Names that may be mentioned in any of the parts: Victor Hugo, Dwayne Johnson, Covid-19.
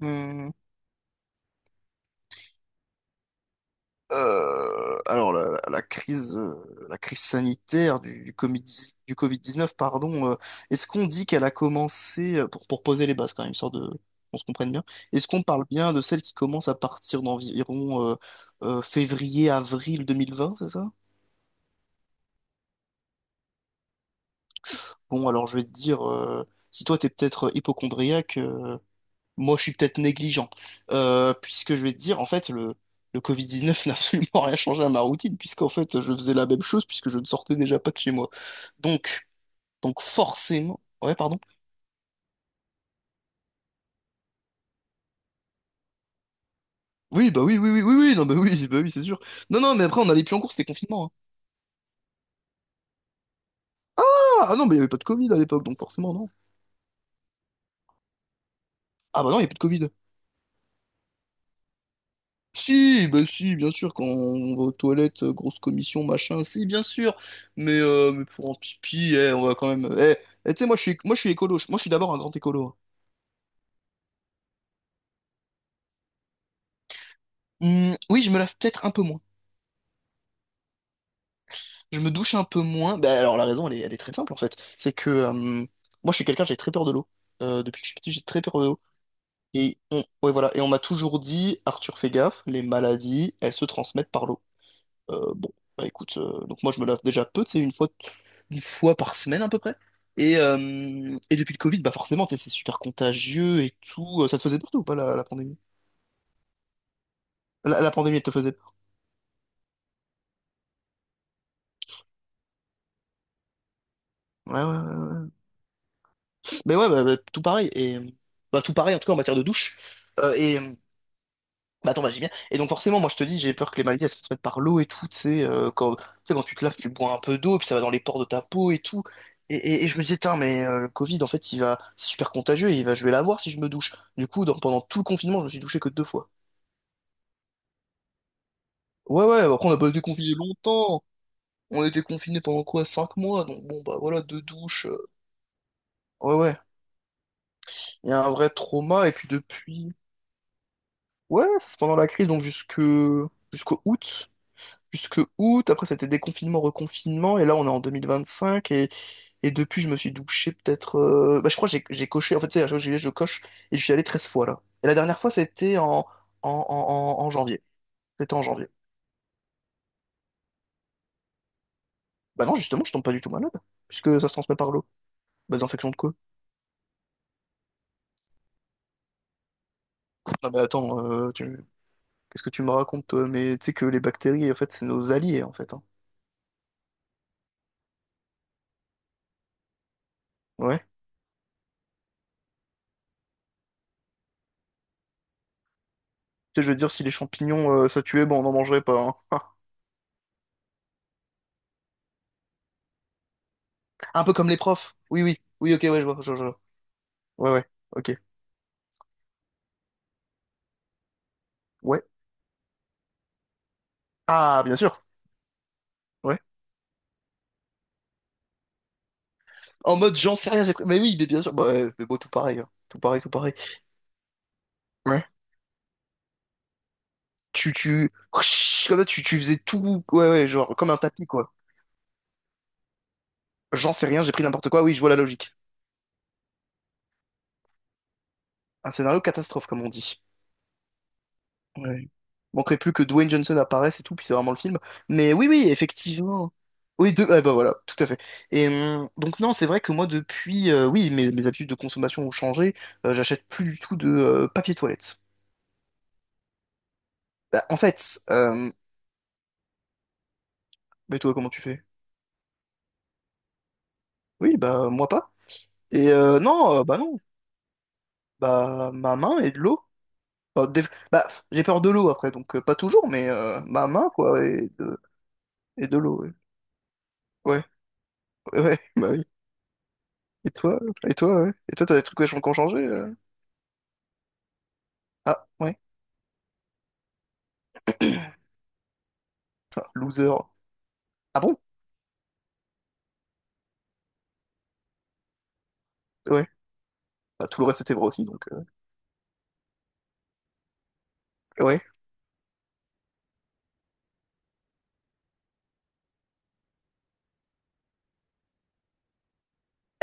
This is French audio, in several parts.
Hmm. Alors la crise, la crise sanitaire du Covid, du Covid-19, pardon. Est-ce qu'on dit qu'elle a commencé pour poser les bases quand même, histoire de qu'on se comprenne bien. Est-ce qu'on parle bien de celle qui commence à partir d'environ février-avril 2020, c'est ça? Bon, alors je vais te dire, si toi t'es peut-être hypocondriaque, moi, je suis peut-être négligent. Puisque je vais te dire, en fait, le covid-19 n'a absolument rien changé à ma routine, puisqu'en fait, je faisais la même chose, puisque je ne sortais déjà pas de chez moi. Donc, donc forcément. Ouais, pardon. Oui, bah oui, oui, oui, oui, oui, non, bah oui, c'est sûr. Non, non, mais après, on allait plus en cours, c'était confinement, hein. Ah, ah non, mais il n'y avait pas de Covid à l'époque, donc forcément, non. Ah bah non, il n'y a plus de Covid. Si, bah si, bien sûr, quand on va aux toilettes, grosse commission, machin, si, bien sûr. Mais, mais pour un pipi, eh, on va quand même. Tu sais, moi, je suis écolo. Moi, je suis d'abord un grand écolo, hein. Oui, je me lave peut-être un peu moins. Je me douche un peu moins. Bah, alors la raison, elle est très simple en fait. C'est que moi, je suis quelqu'un, j'ai très peur de l'eau. Depuis que je suis petit, j'ai très peur de l'eau. Ouais, voilà. Et on m'a toujours dit, Arthur, fais gaffe, les maladies, elles se transmettent par l'eau. Bon, bah écoute, donc moi, je me lave déjà peu, c'est une fois par semaine à peu près. Et depuis le Covid, bah forcément, tu sais, c'est super contagieux et tout. Ça te faisait peur toi, ou pas la pandémie? La pandémie, elle te faisait peur? Ouais, ouais, ouais, ouais. Mais ouais, bah, tout pareil. Et bah, tout pareil, en tout cas en matière de douche. Et bah, attends, bah, j'ai bien. Et donc forcément, moi je te dis, j'ai peur que les maladies elles se transmettent par l'eau et tout. Tu sais, tu sais, quand tu te laves, tu bois un peu d'eau, puis ça va dans les pores de ta peau et tout. Et je me disais, tiens, mais le Covid, en fait, c'est super contagieux et je vais l'avoir si je me douche. Du coup, pendant tout le confinement, je me suis douché que 2 fois. Ouais, ouais, après, on n'a pas été confinés longtemps. On a été confinés pendant quoi? 5 mois. Donc bon, bah voilà, 2 douches. Ouais, ouais. Il y a un vrai trauma. Et puis depuis. Ouais, ça c'est pendant la crise, donc jusque jusqu'au août. Jusque août, après c'était déconfinement, reconfinement, et là on est en 2025, et depuis je me suis douché peut-être. Bah, je crois que j'ai coché, en fait tu sais, à chaque fois que j'y vais, je coche, et je suis allé 13 fois là. Et la dernière fois c'était en janvier. C'était en janvier. Bah non, justement, je tombe pas du tout malade, puisque ça se transmet par l'eau. Bah d'infection de quoi? Non mais attends, qu'est-ce que tu me racontes, toi? Mais tu sais que les bactéries, en fait, c'est nos alliés, en fait, hein. Ouais. Tu sais, je veux dire, si les champignons, ça tuait, bon, on n'en mangerait pas, hein. Un peu comme les profs. Oui, oui. Oui, ok, ouais, je vois, je vois, je vois. Ouais, ouais, ok. Ouais. Ah, bien sûr. Ouais. En mode, j'en sais rien, c'est quoi. Mais oui, mais bien sûr. Bah, ouais, mais bon, tout pareil, hein. Tout pareil, tout pareil. Ouais. Comme ça, tu faisais tout. Ouais, ouais, genre, comme un tapis, quoi. J'en sais rien, j'ai pris n'importe quoi. Oui, je vois la logique. Un scénario catastrophe, comme on dit. Ouais. Manquerait plus que Dwayne Johnson apparaisse et tout, puis c'est vraiment le film. Mais oui, oui, effectivement. Oui, ah bah voilà, tout à fait. Et donc non, c'est vrai que moi depuis, oui, mes habitudes de consommation ont changé. J'achète plus du tout de papier toilette. Bah, en fait, mais toi comment tu fais? Oui, bah moi pas. Non, bah non, bah ma main et de l'eau. Enfin. Bah pff, j'ai peur de l'eau après, donc pas toujours, mais ma main quoi et de l'eau. Ouais, ouais, ouais, bah oui. Et toi? Et toi, ouais. Et toi, t'as des trucs vachement qui ont changé? Ah, ouais. Ah, loser. Ah bon? Ouais. Bah, tout le reste, c'était vrai aussi, donc. Ouais.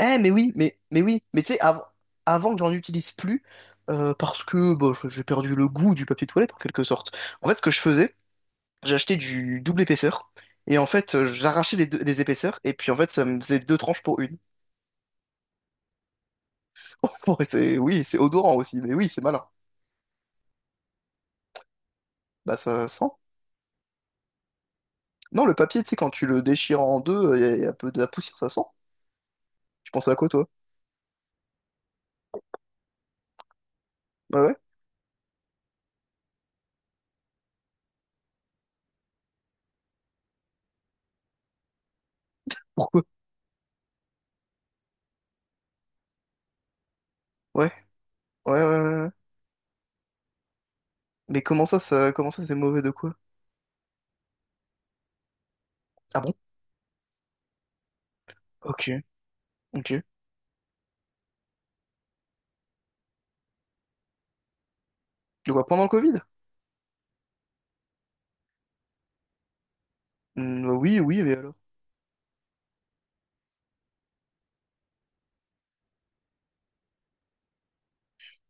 Eh, mais oui, mais oui. Mais tu sais, avant que j'en utilise plus, parce que bah, j'ai perdu le goût du papier toilette, en quelque sorte. En fait, ce que je faisais, j'achetais du double épaisseur, et en fait, j'arrachais les épaisseurs, et puis en fait, ça me faisait deux tranches pour une. Ouais, oui, c'est odorant aussi, mais oui, c'est malin. Bah, ça sent. Non, le papier, tu sais, quand tu le déchires en deux, il y a un peu de la poussière, ça sent. Tu penses à quoi, toi? Ouais, ouais. Pourquoi? Ouais, ouais, ouais, ouais, ouais. Mais comment ça, c'est mauvais de quoi? Ah bon? Ok, ok. De quoi pendant le Covid? Hmm, oui, oui, mais alors?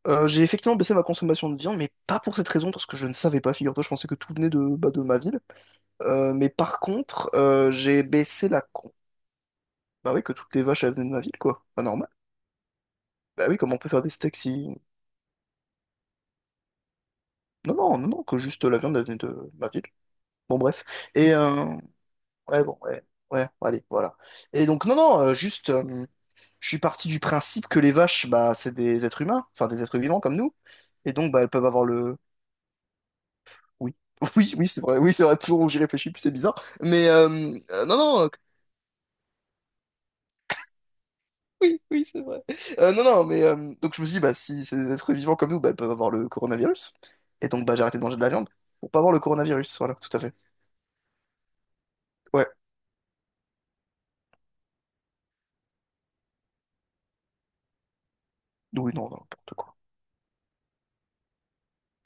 J'ai effectivement baissé ma consommation de viande, mais pas pour cette raison, parce que je ne savais pas, figure-toi, je pensais que tout venait de, bah, de ma ville. Mais par contre, j'ai baissé la con. Bah oui, que toutes les vaches, elles venaient de ma ville, quoi. Pas normal. Bah oui, comment on peut faire des steaks si. Non, non, non, non, que juste la viande, elle venait de ma ville. Bon, bref. Et, euh, ouais, bon, ouais, ouais, allez, voilà. Et donc, non, non, je suis parti du principe que les vaches, bah, c'est des êtres humains, enfin des êtres vivants comme nous, et donc bah, elles peuvent avoir le. Oui, oui, oui, c'est vrai, plus j'y réfléchis, plus c'est bizarre, mais non, non, oui, oui, c'est vrai. Non, non, mais donc je me suis dit, bah, si c'est des êtres vivants comme nous, bah, elles peuvent avoir le coronavirus, et donc bah, j'ai arrêté de manger de la viande pour pas avoir le coronavirus, voilà, tout à fait. Ouais, oui, non, non, n'importe quoi.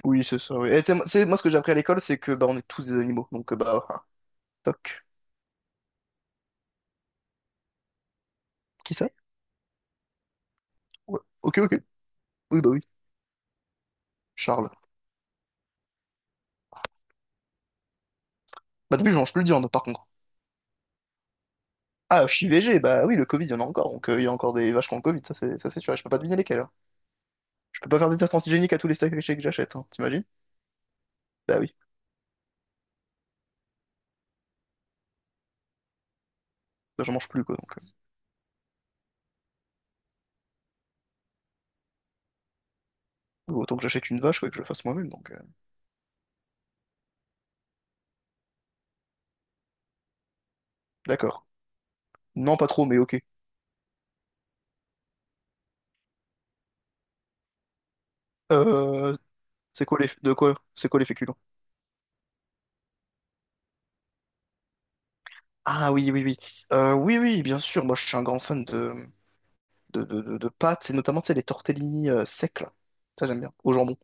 Oui, c'est ça, oui. Et tu sais, moi, moi, ce que j'ai appris à l'école, c'est que bah, on est tous des animaux, donc bah, ah, toc. Qui ça? Ouais. Ok, ok. Oui, bah oui, Charles. Bah depuis, je mange plus de viande, par contre. Ah, archi VG, bah oui, le Covid, il y en a encore, donc il y a encore des vaches qui ont le Covid, ça c'est sûr, et je peux pas deviner lesquelles, hein. Je peux pas faire des tests antigéniques à tous les steaks hachés que j'achète, hein, t'imagines? Bah oui, bah, j'en mange plus quoi, donc autant que j'achète une vache, quoi, et que je le fasse moi-même, donc d'accord. Non, pas trop, mais ok. Euh, c'est quoi les de quoi? C'est quoi les féculents? Ah oui, oui, oui. Oui, oui, bien sûr, moi je suis un grand fan de pâtes, et notamment, tu sais, les tortellini secs, là. Ça j'aime bien, au jambon.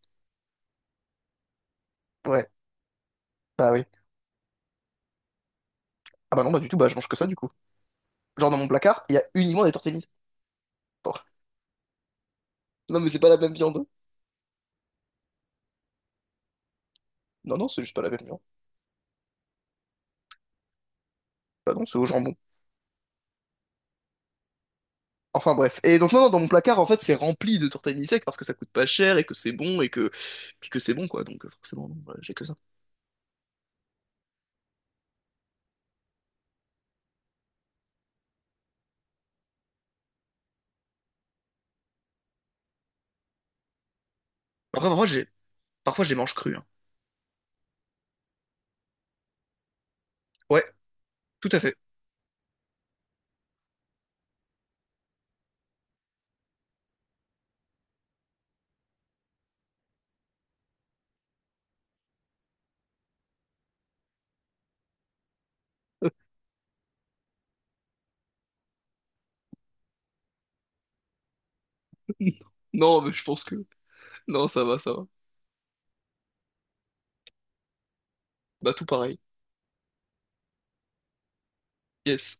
Ouais, bah oui. Ah bah non, bah du tout, bah je mange que ça du coup. Genre dans mon placard, il y a uniquement des tortellini. Bon. Non mais c'est pas la même viande, hein. Non, non, c'est juste pas la viande. Bah non, c'est au jambon. Enfin bref. Et donc non, non, dans mon placard, en fait, c'est rempli de tortellini secs parce que ça coûte pas cher et que c'est bon et que puis que c'est bon quoi. Donc forcément, non, voilà j'ai que ça. Après, parfois je les mange crus, hein. Ouais, tout à fait. Non, mais je pense que non, ça va, ça va. Bah tout pareil. Yes.